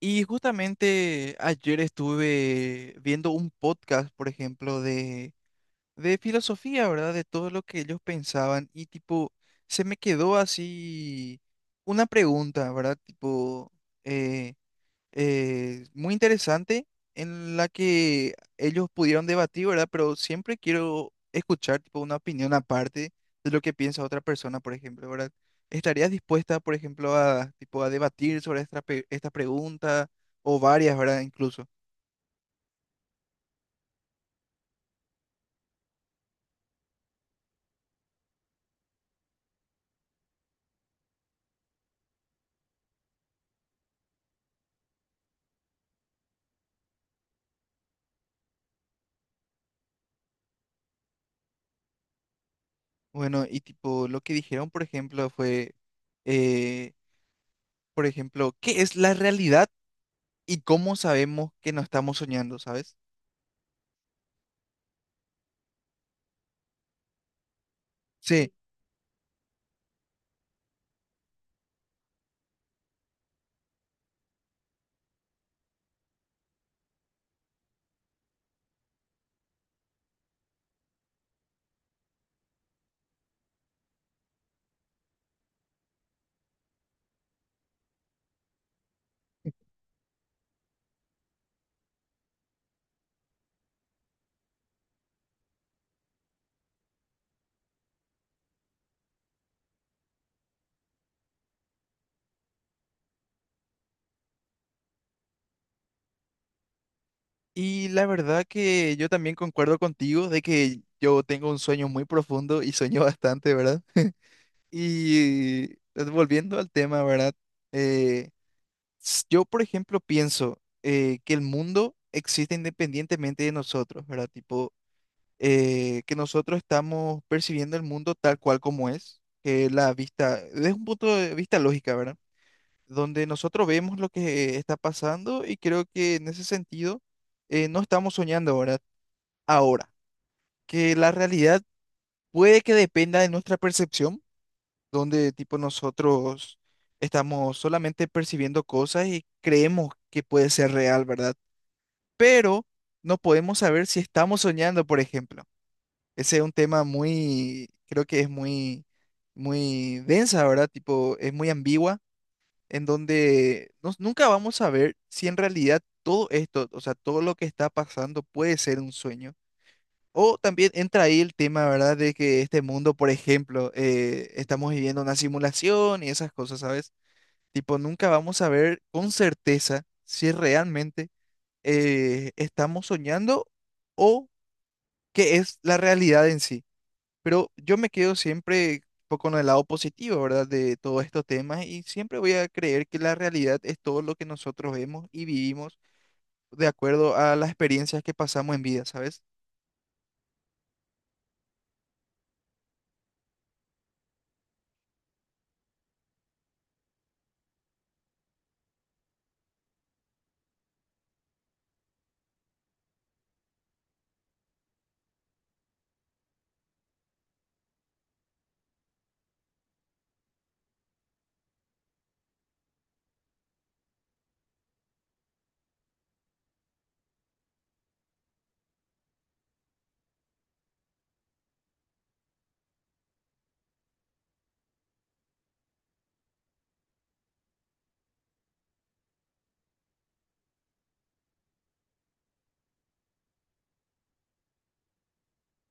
Y justamente ayer estuve viendo un podcast, por ejemplo, de filosofía, ¿verdad? De todo lo que ellos pensaban y tipo, se me quedó así una pregunta, ¿verdad? Tipo, eh, muy interesante en la que ellos pudieron debatir, ¿verdad? Pero siempre quiero escuchar tipo, una opinión aparte de lo que piensa otra persona, por ejemplo, ¿verdad? ¿Estarías dispuesta, por ejemplo, a, tipo, a debatir sobre esta pregunta o varias, ¿verdad? Incluso. Bueno, y tipo, lo que dijeron, por ejemplo, fue, eh, por ejemplo, ¿qué es la realidad y cómo sabemos que no estamos soñando, ¿sabes? Sí. Y la verdad que yo también concuerdo contigo de que yo tengo un sueño muy profundo y sueño bastante, ¿verdad? Y volviendo al tema, ¿verdad? Eh, yo, por ejemplo, pienso que el mundo existe independientemente de nosotros, ¿verdad? Tipo, que nosotros estamos percibiendo el mundo tal cual como es, que la vista, desde un punto de vista lógica, ¿verdad? Donde nosotros vemos lo que está pasando y creo que en ese sentido no estamos soñando, ¿verdad? Ahora, que la realidad puede que dependa de nuestra percepción, donde tipo nosotros estamos solamente percibiendo cosas y creemos que puede ser real, ¿verdad? Pero no podemos saber si estamos soñando, por ejemplo. Ese es un tema muy, creo que es muy, muy densa, ¿verdad? Tipo, es muy ambigua, en donde nunca vamos a ver si en realidad todo esto, o sea, todo lo que está pasando puede ser un sueño. O también entra ahí el tema, ¿verdad? De que este mundo, por ejemplo, estamos viviendo una simulación y esas cosas, ¿sabes? Tipo, nunca vamos a ver con certeza si realmente estamos soñando o qué es la realidad en sí. Pero yo me quedo siempre con el lado positivo, ¿verdad? De todos estos temas y siempre voy a creer que la realidad es todo lo que nosotros vemos y vivimos de acuerdo a las experiencias que pasamos en vida, ¿sabes?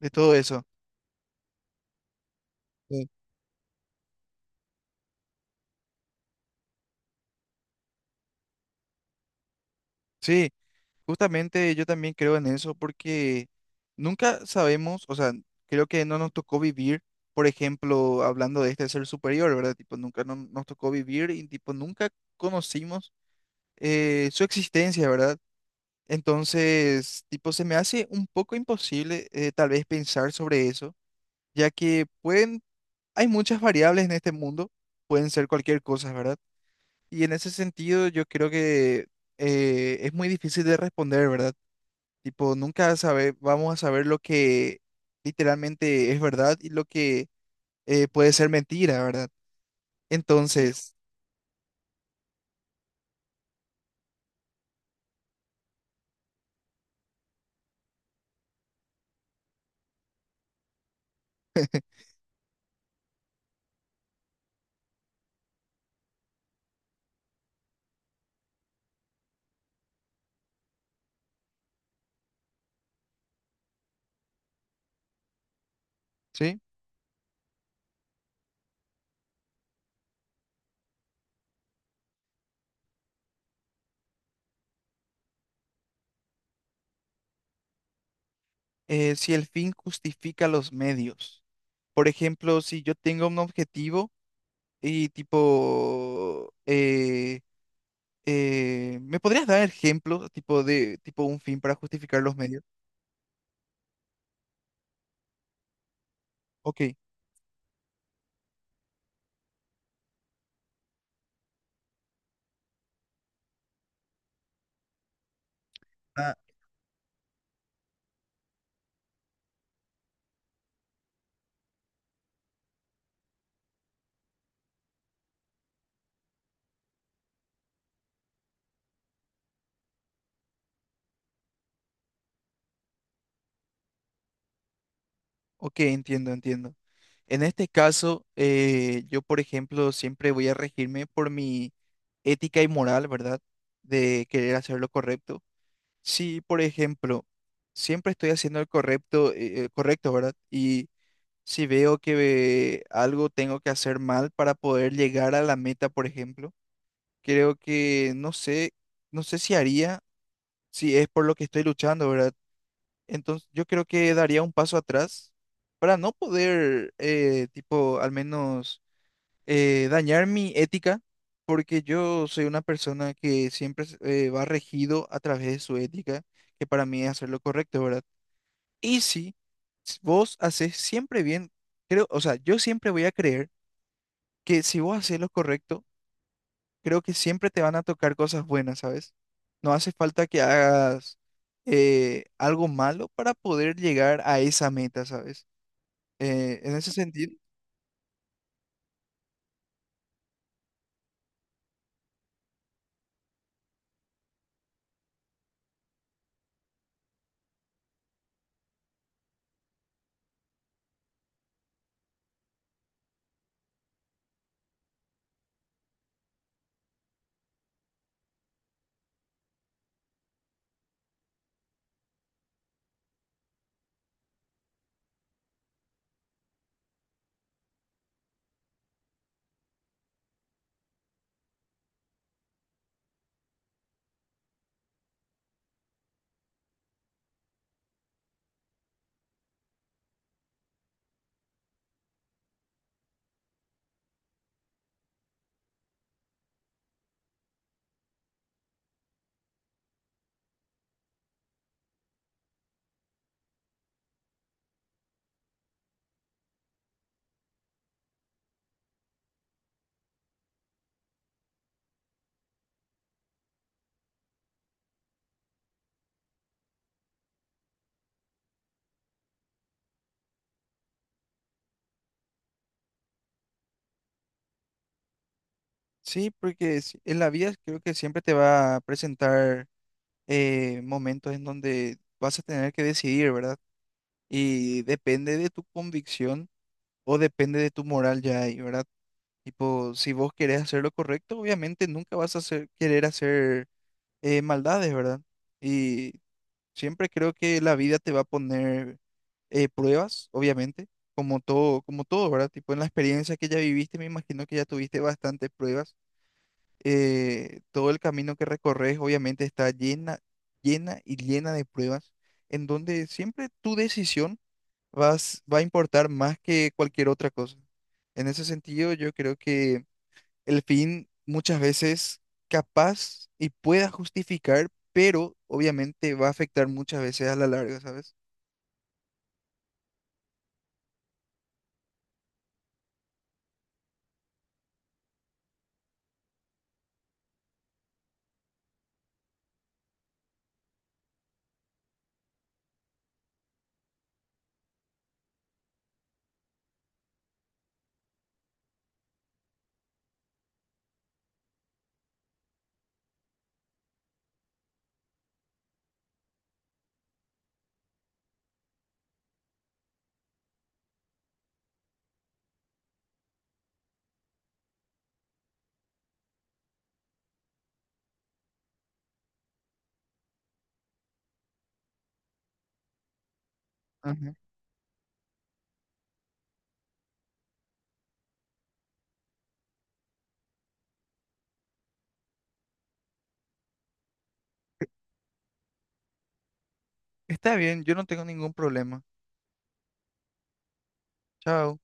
De todo eso. Sí. Sí, justamente yo también creo en eso porque nunca sabemos, o sea, creo que no nos tocó vivir, por ejemplo, hablando de este ser superior, ¿verdad? Tipo, nunca no- nos tocó vivir y tipo, nunca conocimos su existencia, ¿verdad? Entonces, tipo, se me hace un poco imposible tal vez pensar sobre eso, ya que pueden, hay muchas variables en este mundo, pueden ser cualquier cosa, ¿verdad? Y en ese sentido yo creo que es muy difícil de responder, ¿verdad? Tipo, nunca sabe, vamos a saber lo que literalmente es verdad y lo que puede ser mentira, ¿verdad? Entonces, ¿sí? Si el fin justifica los medios. Por ejemplo, si yo tengo un objetivo y tipo, ¿me podrías dar ejemplo tipo de tipo un fin para justificar los medios? Ok. Ok, entiendo, entiendo. En este caso, yo, por ejemplo, siempre voy a regirme por mi ética y moral, ¿verdad? De querer hacer lo correcto. Si, por ejemplo, siempre estoy haciendo el correcto, correcto, ¿verdad? Y si veo que algo tengo que hacer mal para poder llegar a la meta, por ejemplo, creo que no sé, no sé si haría, si es por lo que estoy luchando, ¿verdad? Entonces, yo creo que daría un paso atrás para no poder, tipo, al menos dañar mi ética, porque yo soy una persona que siempre va regido a través de su ética, que para mí es hacer lo correcto, ¿verdad? Y sí, si s- vos haces siempre bien, creo, o sea, yo siempre voy a creer que si vos haces lo correcto, creo que siempre te van a tocar cosas buenas, ¿sabes? No hace falta que hagas algo malo para poder llegar a esa meta, ¿sabes? En ese sentido, sí, porque en la vida creo que siempre te va a presentar momentos en donde vas a tener que decidir, ¿verdad? Y depende de tu convicción o depende de tu moral ya ahí, ¿verdad? Tipo, si vos querés hacer lo correcto, obviamente nunca querer hacer maldades, ¿verdad? Y siempre creo que la vida te va a poner pruebas, obviamente, como todo, ¿verdad? Tipo, en la experiencia que ya viviste, me imagino que ya tuviste bastantes pruebas todo el camino que recorres obviamente está llena, llena y llena de pruebas, en donde siempre tu decisión va a importar más que cualquier otra cosa. En ese sentido, yo creo que el fin muchas veces capaz y pueda justificar, pero obviamente va a afectar muchas veces a la larga, ¿sabes? Ajá. Está bien, yo no tengo ningún problema. Chao.